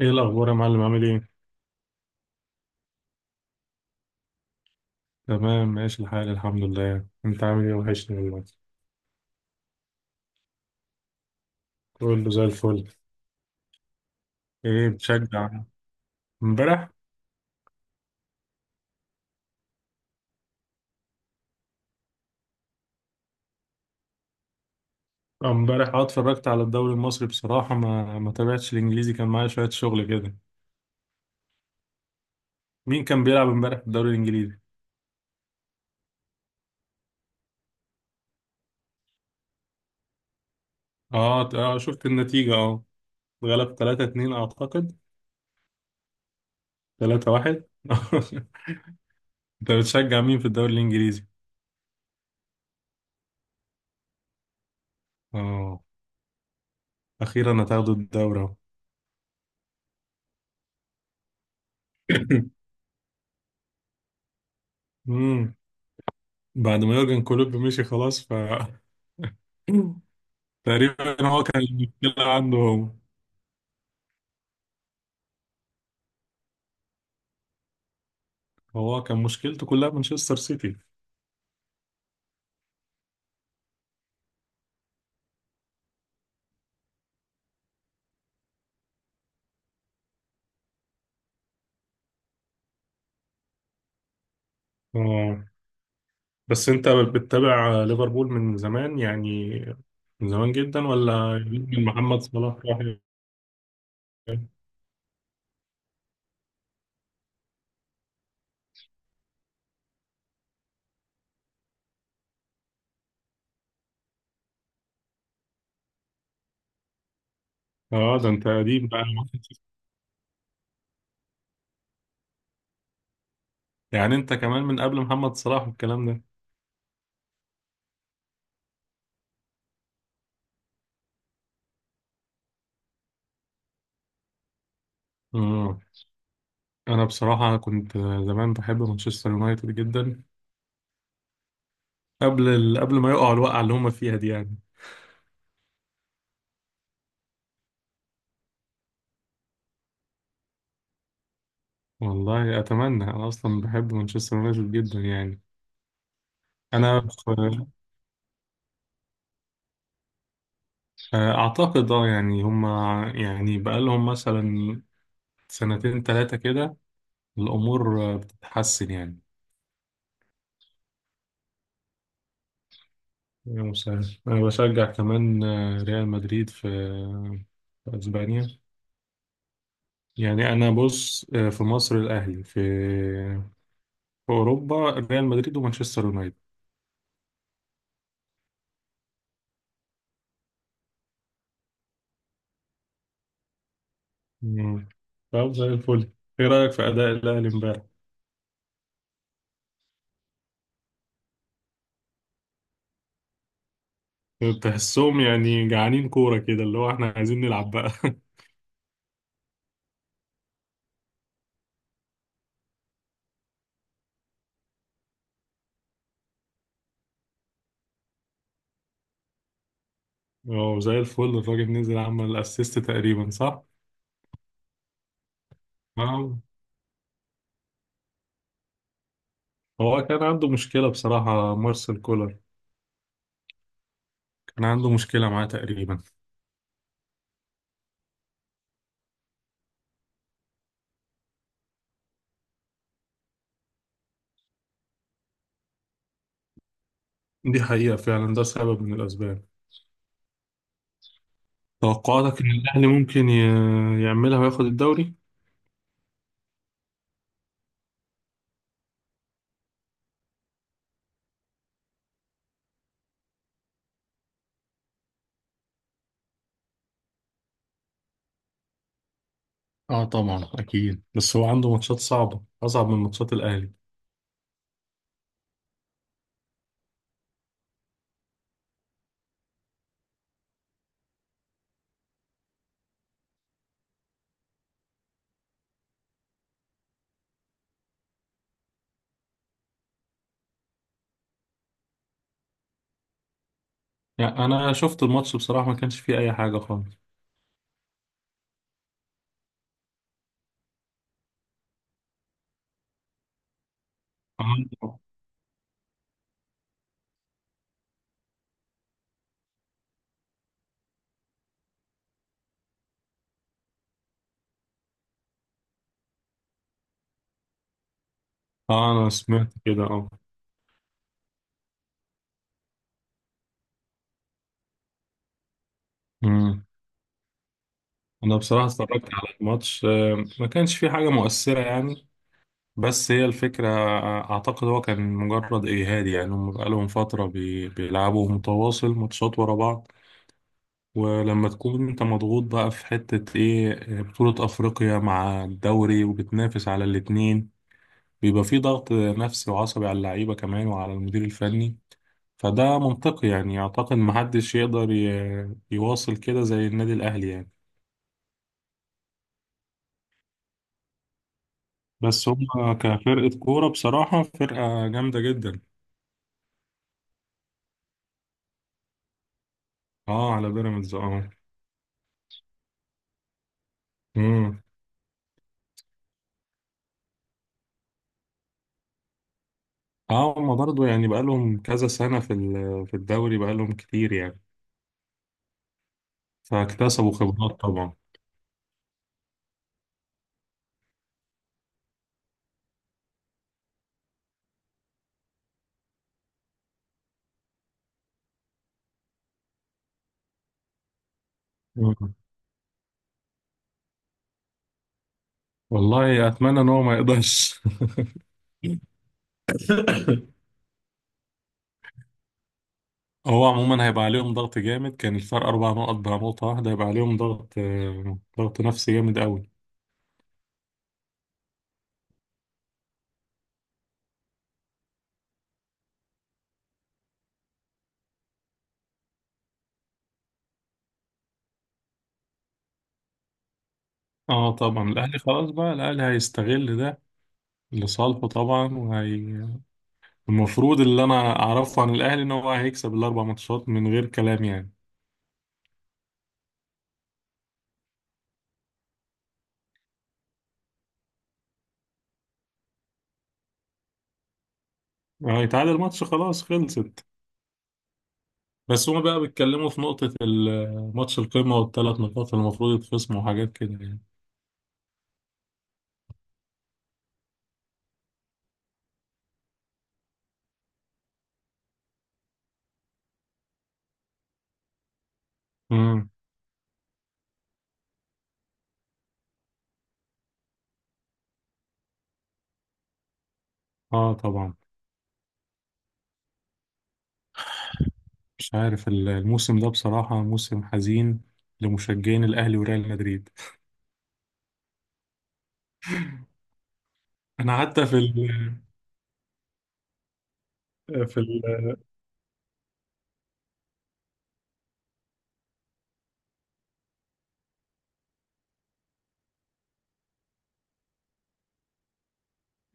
ايه الاخبار يا معلم؟ عامل ايه؟ تمام، ماشي الحال الحمد لله. انت عامل ايه؟ وحشني والله. كله زي الفل. ايه بتشجع؟ امبارح؟ آه، امبارح اتفرجت على الدوري المصري بصراحه، ما تابعتش الانجليزي، كان معايا شويه شغل كده. مين كان بيلعب امبارح في الدوري الانجليزي؟ شفت النتيجه، اه، غلب 3-2 اعتقد. 3-1 انت بتشجع مين في الدوري الانجليزي؟ اه. اخيرا هتاخدوا الدوري اهو. امم بعد ما يورجن كلوب مشي خلاص، ف... تقريبا هو كان المشكلة عنده هو. هو كان مشكلته كلها مانشستر سيتي. اه. بس انت بتتابع ليفربول من زمان يعني؟ من زمان جدا ولا من محمد صلاح اه، ده انت قديم بقى. يعني انت كمان من قبل محمد صلاح والكلام ده؟ امم انا بصراحة كنت زمان بحب مانشستر يونايتد جدا، قبل قبل ما يقعوا الوقعة اللي هم فيها دي يعني. والله اتمنى، انا اصلا بحب مانشستر يونايتد جدا يعني. انا أعتقد أه يعني هما، يعني بقالهم مثلا سنتين تلاتة كده الأمور آه، بتتحسن يعني. يا مساعد، أنا بشجع كمان آه، ريال مدريد في آه، في أسبانيا. يعني أنا بص آه، في مصر الأهلي، في في أوروبا ريال مدريد ومانشستر يونايتد. مم. طب زي الفل. إيه رأيك في أداء الأهلي إمبارح؟ تحسهم يعني جعانين كورة كده، اللي هو إحنا عايزين نلعب بقى. هو زي الفل الراجل، نزل عمل أسيست تقريبا صح؟ آه. هو كان عنده مشكلة بصراحة مارسيل كولر، كان عنده مشكلة معاه تقريبا. دي حقيقة فعلا، ده سبب من الأسباب. توقعاتك إن الأهلي ممكن يعملها وياخد الدوري؟ اه طبعا اكيد، بس هو عنده ماتشات صعبه، اصعب من ماتشات الاهلي. يعني انا شفت الماتش بصراحه، ما كانش فيه اي حاجه خالص. اه. آه، انا سمعت كده، اه. أمم. انا بصراحه اتفرجت على الماتش آه، ما كانش فيه حاجه مؤثره يعني، بس هي الفكرة. أعتقد هو كان مجرد إجهاد، يعني هم بقالهم فترة بيلعبوا متواصل ماتشات ورا بعض. ولما تكون أنت مضغوط بقى في حتة إيه، بطولة أفريقيا مع الدوري وبتنافس على الاتنين، بيبقى في ضغط نفسي وعصبي على اللعيبة كمان وعلى المدير الفني. فده منطقي يعني، أعتقد محدش يقدر يواصل كده زي النادي الأهلي يعني. بس هم كفرقة كورة بصراحة فرقة جامدة جدا. اه على بيراميدز اه. مم. اه، هما برضه يعني بقالهم كذا سنة في في الدوري، بقالهم كتير يعني، فاكتسبوا خبرات طبعا. مم. والله أتمنى إن هو ما يقدرش. هو عموما هيبقى عليهم ضغط جامد، كان الفرق أربع نقط بقى نقطة واحدة، هيبقى عليهم ضغط آه، ضغط نفسي جامد أوي. اه طبعا الأهلي خلاص بقى، الأهلي هيستغل ده لصالحه طبعا. وهي المفروض اللي أنا أعرفه عن الأهلي إن هو هيكسب الأربع ماتشات من غير كلام يعني. هيتعادل ماتش خلاص خلصت. بس هما بقى بيتكلموا في نقطة ماتش القمة والثلاث نقاط اللي المفروض يتخصموا وحاجات كده يعني. امم اه طبعا. مش عارف الموسم ده بصراحة موسم حزين لمشجعين الأهلي وريال مدريد. أنا حتى في ال في ال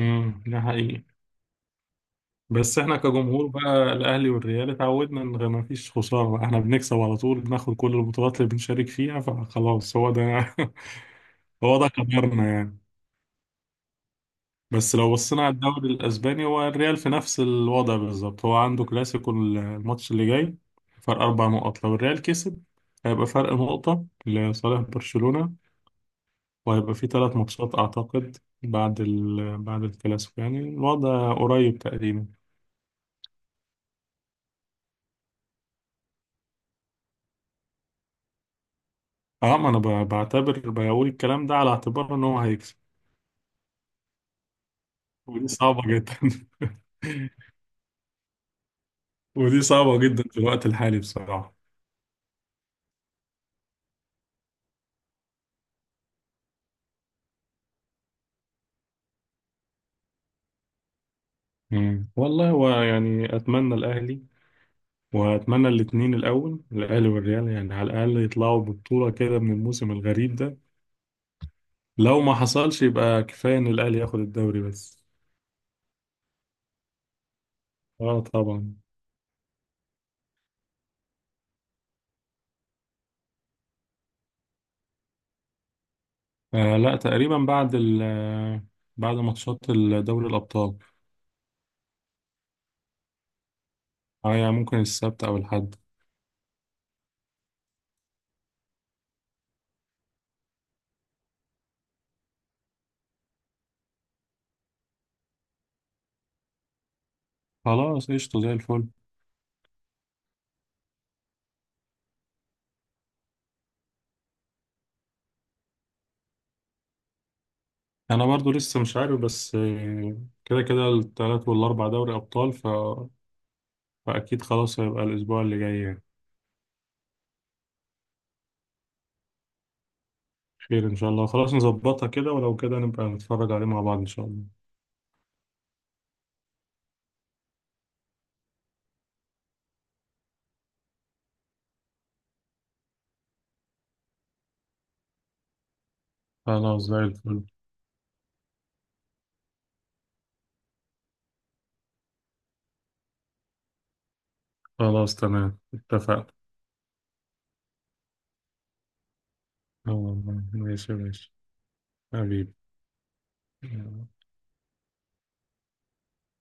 ده حقيقي. بس احنا كجمهور بقى الأهلي والريال اتعودنا إن ما فيش خسارة، احنا بنكسب على طول، بناخد كل البطولات اللي بنشارك فيها، فخلاص هو ده. هو ده قدرنا يعني. بس لو بصينا على الدوري الاسباني، هو الريال في نفس الوضع بالظبط، هو عنده كلاسيكو الماتش اللي جاي. فرق اربع نقط، لو الريال كسب هيبقى فرق نقطة لصالح برشلونة، وهيبقى في ثلاث ماتشات اعتقد بعد بعد الكلاسيكو، يعني الوضع قريب تقريبا. اه ما انا بعتبر، بقول الكلام ده على اعتبار ان هو هيكسب. ودي صعبة جدا. ودي صعبة جدا في الوقت الحالي بصراحة. مم. والله هو يعني اتمنى الاهلي، واتمنى الاثنين الاول، الاهلي والريال يعني على الاقل يطلعوا ببطوله كده من الموسم الغريب ده. لو ما حصلش يبقى كفايه ان الاهلي ياخد الدوري بس. اه طبعا. آه لا، تقريبا بعد ال آه، بعد ماتشات دوري الابطال. اه يعني ممكن السبت او الاحد. خلاص قشطه زي الفل. انا برضو لسه مش عارف، بس آه، كده كده الثلاث والاربع دوري ابطال ف... فاكيد خلاص هيبقى الاسبوع اللي جاي يعني. خير ان شاء الله، خلاص نظبطها كده، ولو كده نبقى نتفرج عليه مع بعض ان شاء الله. خلاص زي الفل. خلاص تمام اتفقنا. آه، ماشي ماشي. حبيبي يلا.